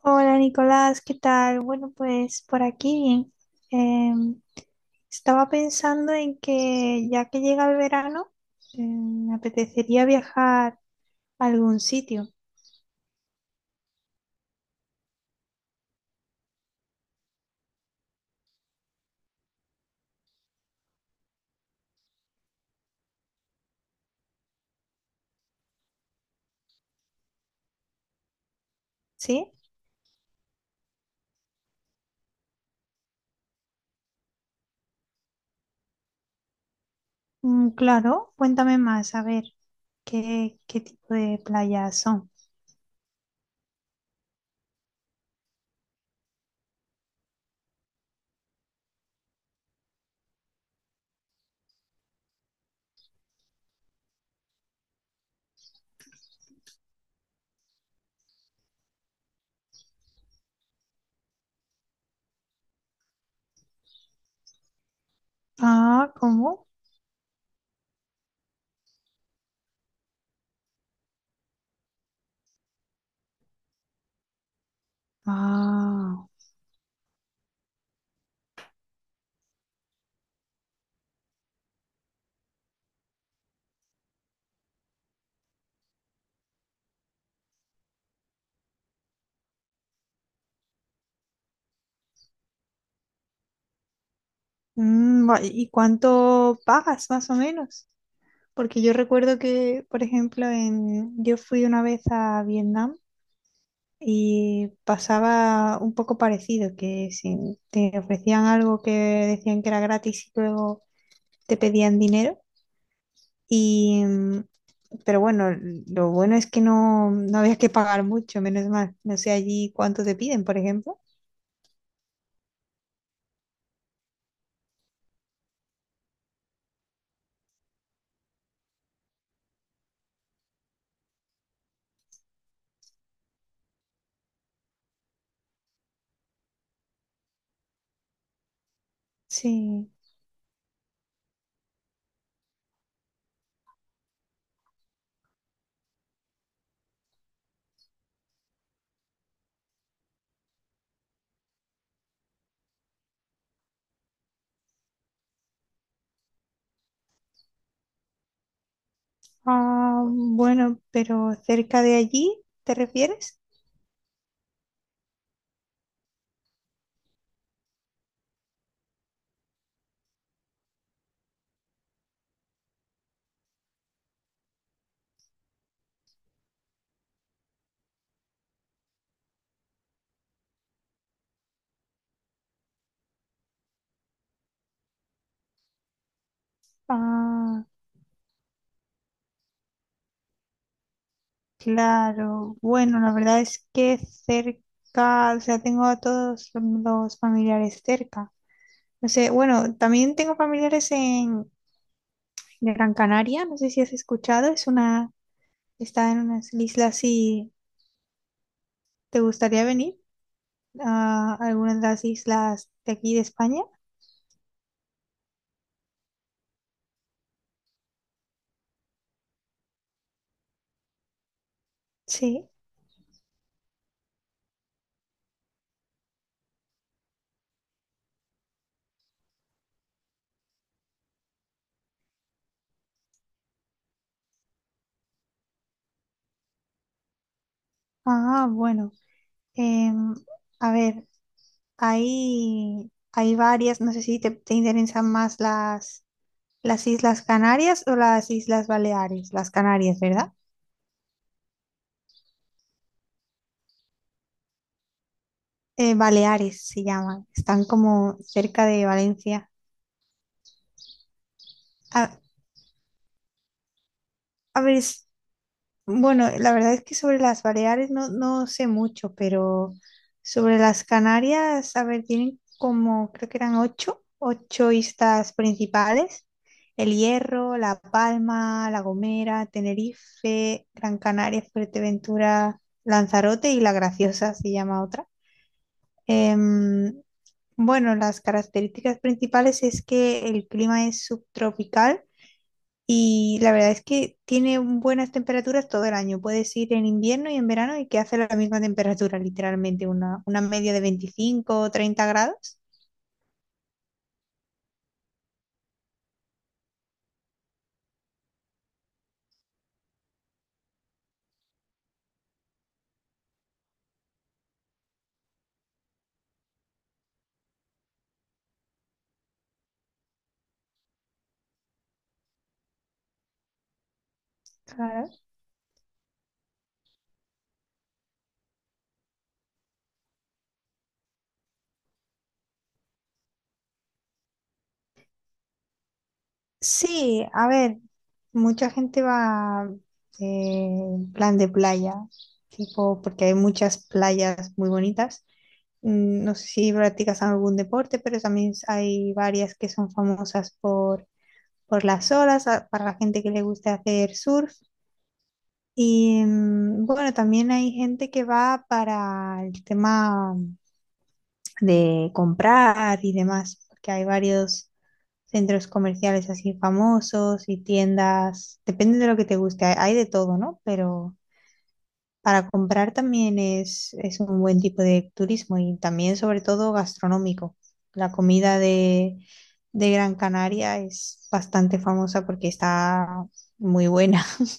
Hola Nicolás, ¿qué tal? Bueno, pues por aquí bien. Em, Estaba pensando en que ya que llega el verano, me apetecería viajar a algún sitio. ¿Sí? Mm, claro, cuéntame más, a ver, ¿qué tipo de playas son? Ah, ¿cómo? Ah, ¿y cuánto pagas más o menos? Porque yo recuerdo que, por ejemplo, yo fui una vez a Vietnam. Y pasaba un poco parecido, que si te ofrecían algo que decían que era gratis y luego te pedían dinero. Y, pero bueno, lo bueno es que no, no había que pagar mucho, menos mal. No sé allí cuánto te piden, por ejemplo. Sí. Ah, bueno, pero cerca de allí, ¿te refieres? Ah, claro. Bueno, la verdad es que cerca, o sea, tengo a todos los familiares cerca. No sé, bueno, también tengo familiares en Gran Canaria, no sé si has escuchado, está en unas islas si te gustaría venir a alguna de las islas de aquí de España. Sí. Ah, bueno. em, a ver, hay varias, no sé si te interesan más las Islas Canarias o las Islas Baleares, las Canarias, ¿verdad? Baleares se llaman, están como cerca de Valencia. A, a ver, bueno, la verdad es que sobre las Baleares no, no sé mucho, pero sobre las Canarias, a ver, tienen como, creo que eran ocho islas principales. El Hierro, La Palma, La Gomera, Tenerife, Gran Canaria, Fuerteventura, Lanzarote y La Graciosa se llama otra. Em, bueno, las características principales es que el clima es subtropical y la verdad es que tiene buenas temperaturas todo el año. Puedes ir en invierno y en verano y que hace la misma temperatura, literalmente, una media de 25 o 30 grados. Claro. Sí, a ver, mucha gente va en plan de playa, tipo, porque hay muchas playas muy bonitas. Mm, no sé si practicas algún deporte, pero también hay varias que son famosas por las olas, para la gente que le gusta hacer surf. Y bueno, también hay gente que va para el tema de comprar y demás, porque hay varios centros comerciales así famosos y tiendas, depende de lo que te guste, hay de todo, ¿no? Pero para comprar también es un buen tipo de turismo y también sobre todo gastronómico. La comida de Gran Canaria es bastante famosa porque está muy buena.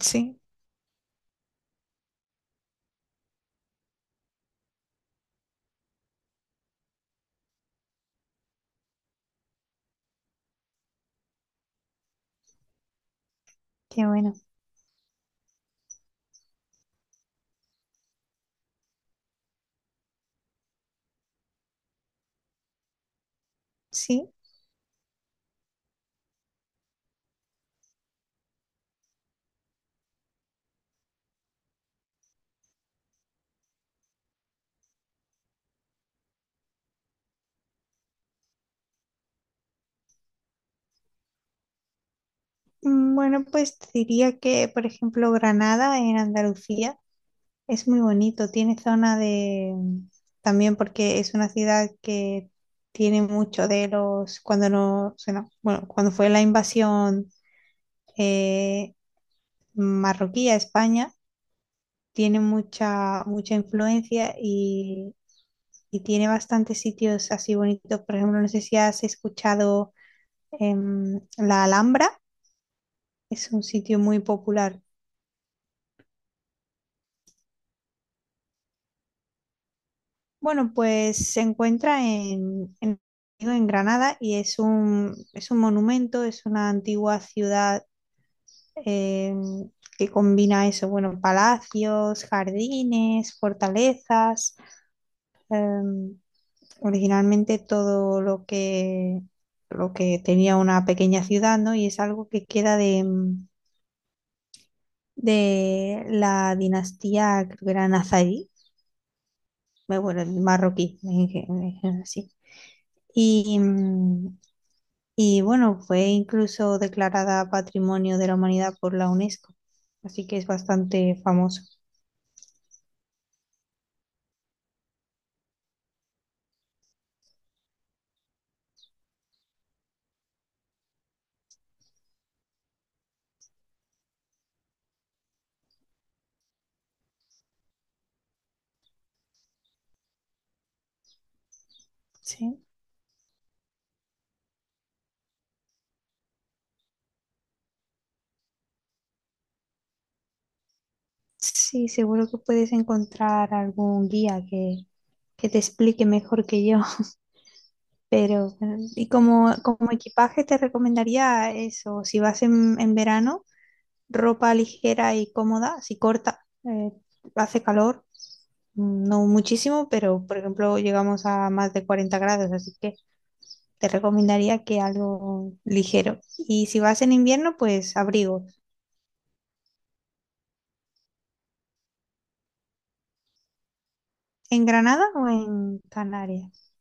Sí, qué bueno. Sí. Bueno, pues te diría que, por ejemplo, Granada en Andalucía es muy bonito. Tiene zona de, también porque es una ciudad que tiene mucho de los. Cuando no, o sea, no, bueno, cuando fue la invasión eh, marroquí a España, tiene mucha influencia y tiene bastantes sitios así bonitos. Por ejemplo, no sé si has escuchado la Alhambra. Es un sitio muy popular. Bueno, pues se encuentra en, en Granada y es un monumento, es una antigua ciudad eh, que combina eso, bueno, palacios, jardines, fortalezas, eh, originalmente todo lo que tenía una pequeña ciudad, ¿no? Y es algo que queda de la dinastía, creo que era nazarí, bueno, el marroquí, sí. Y, mm, Y bueno, fue incluso declarada Patrimonio de la Humanidad por la UNESCO, así que es bastante famoso. Sí, sí, seguro que puedes encontrar algún guía que te explique mejor que yo. Pero bueno, y como equipaje te recomendaría eso, si vas en verano, ropa ligera y cómoda, si corta, hace calor, no muchísimo, pero por ejemplo llegamos a más de 40 grados, así que te recomendaría que algo ligero. Y si vas en invierno, pues abrigo. ¿En Granada o en Canarias?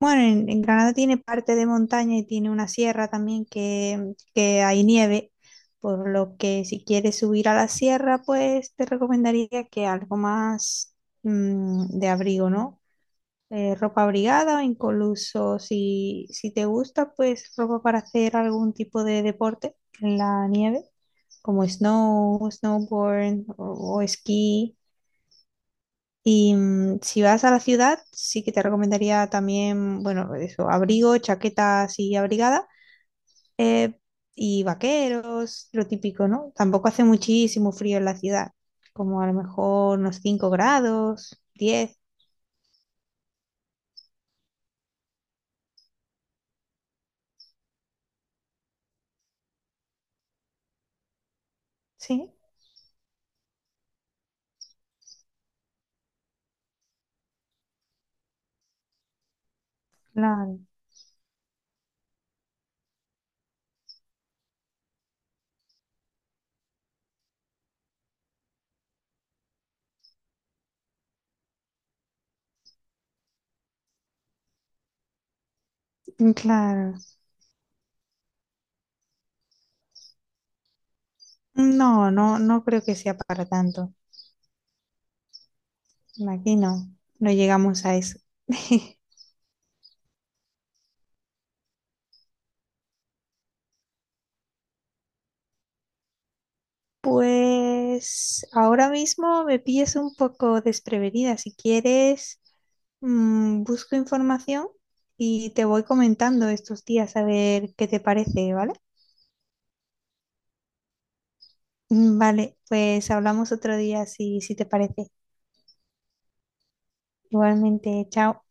Bueno, en Granada tiene parte de montaña y tiene una sierra también que hay nieve, por lo que si quieres subir a la sierra, pues te recomendaría que algo más, de abrigo, ¿no? Ropa abrigada, incluso si te gusta, pues ropa para hacer algún tipo de deporte en la nieve, como snowboard o esquí. Y si vas a la ciudad, sí que te recomendaría también, bueno, eso, abrigo, chaqueta así abrigada, eh, y vaqueros, lo típico, ¿no? Tampoco hace muchísimo frío en la ciudad, como a lo mejor unos 5 grados, 10. Sí, claro, claro. No, no, no creo que sea para tanto. Aquí no, no llegamos a eso. Pues ahora mismo me pillas un poco desprevenida. Si quieres, busco información y te voy comentando estos días a ver qué te parece, ¿vale? Mm, vale, pues hablamos otro día si te parece. Igualmente, chao.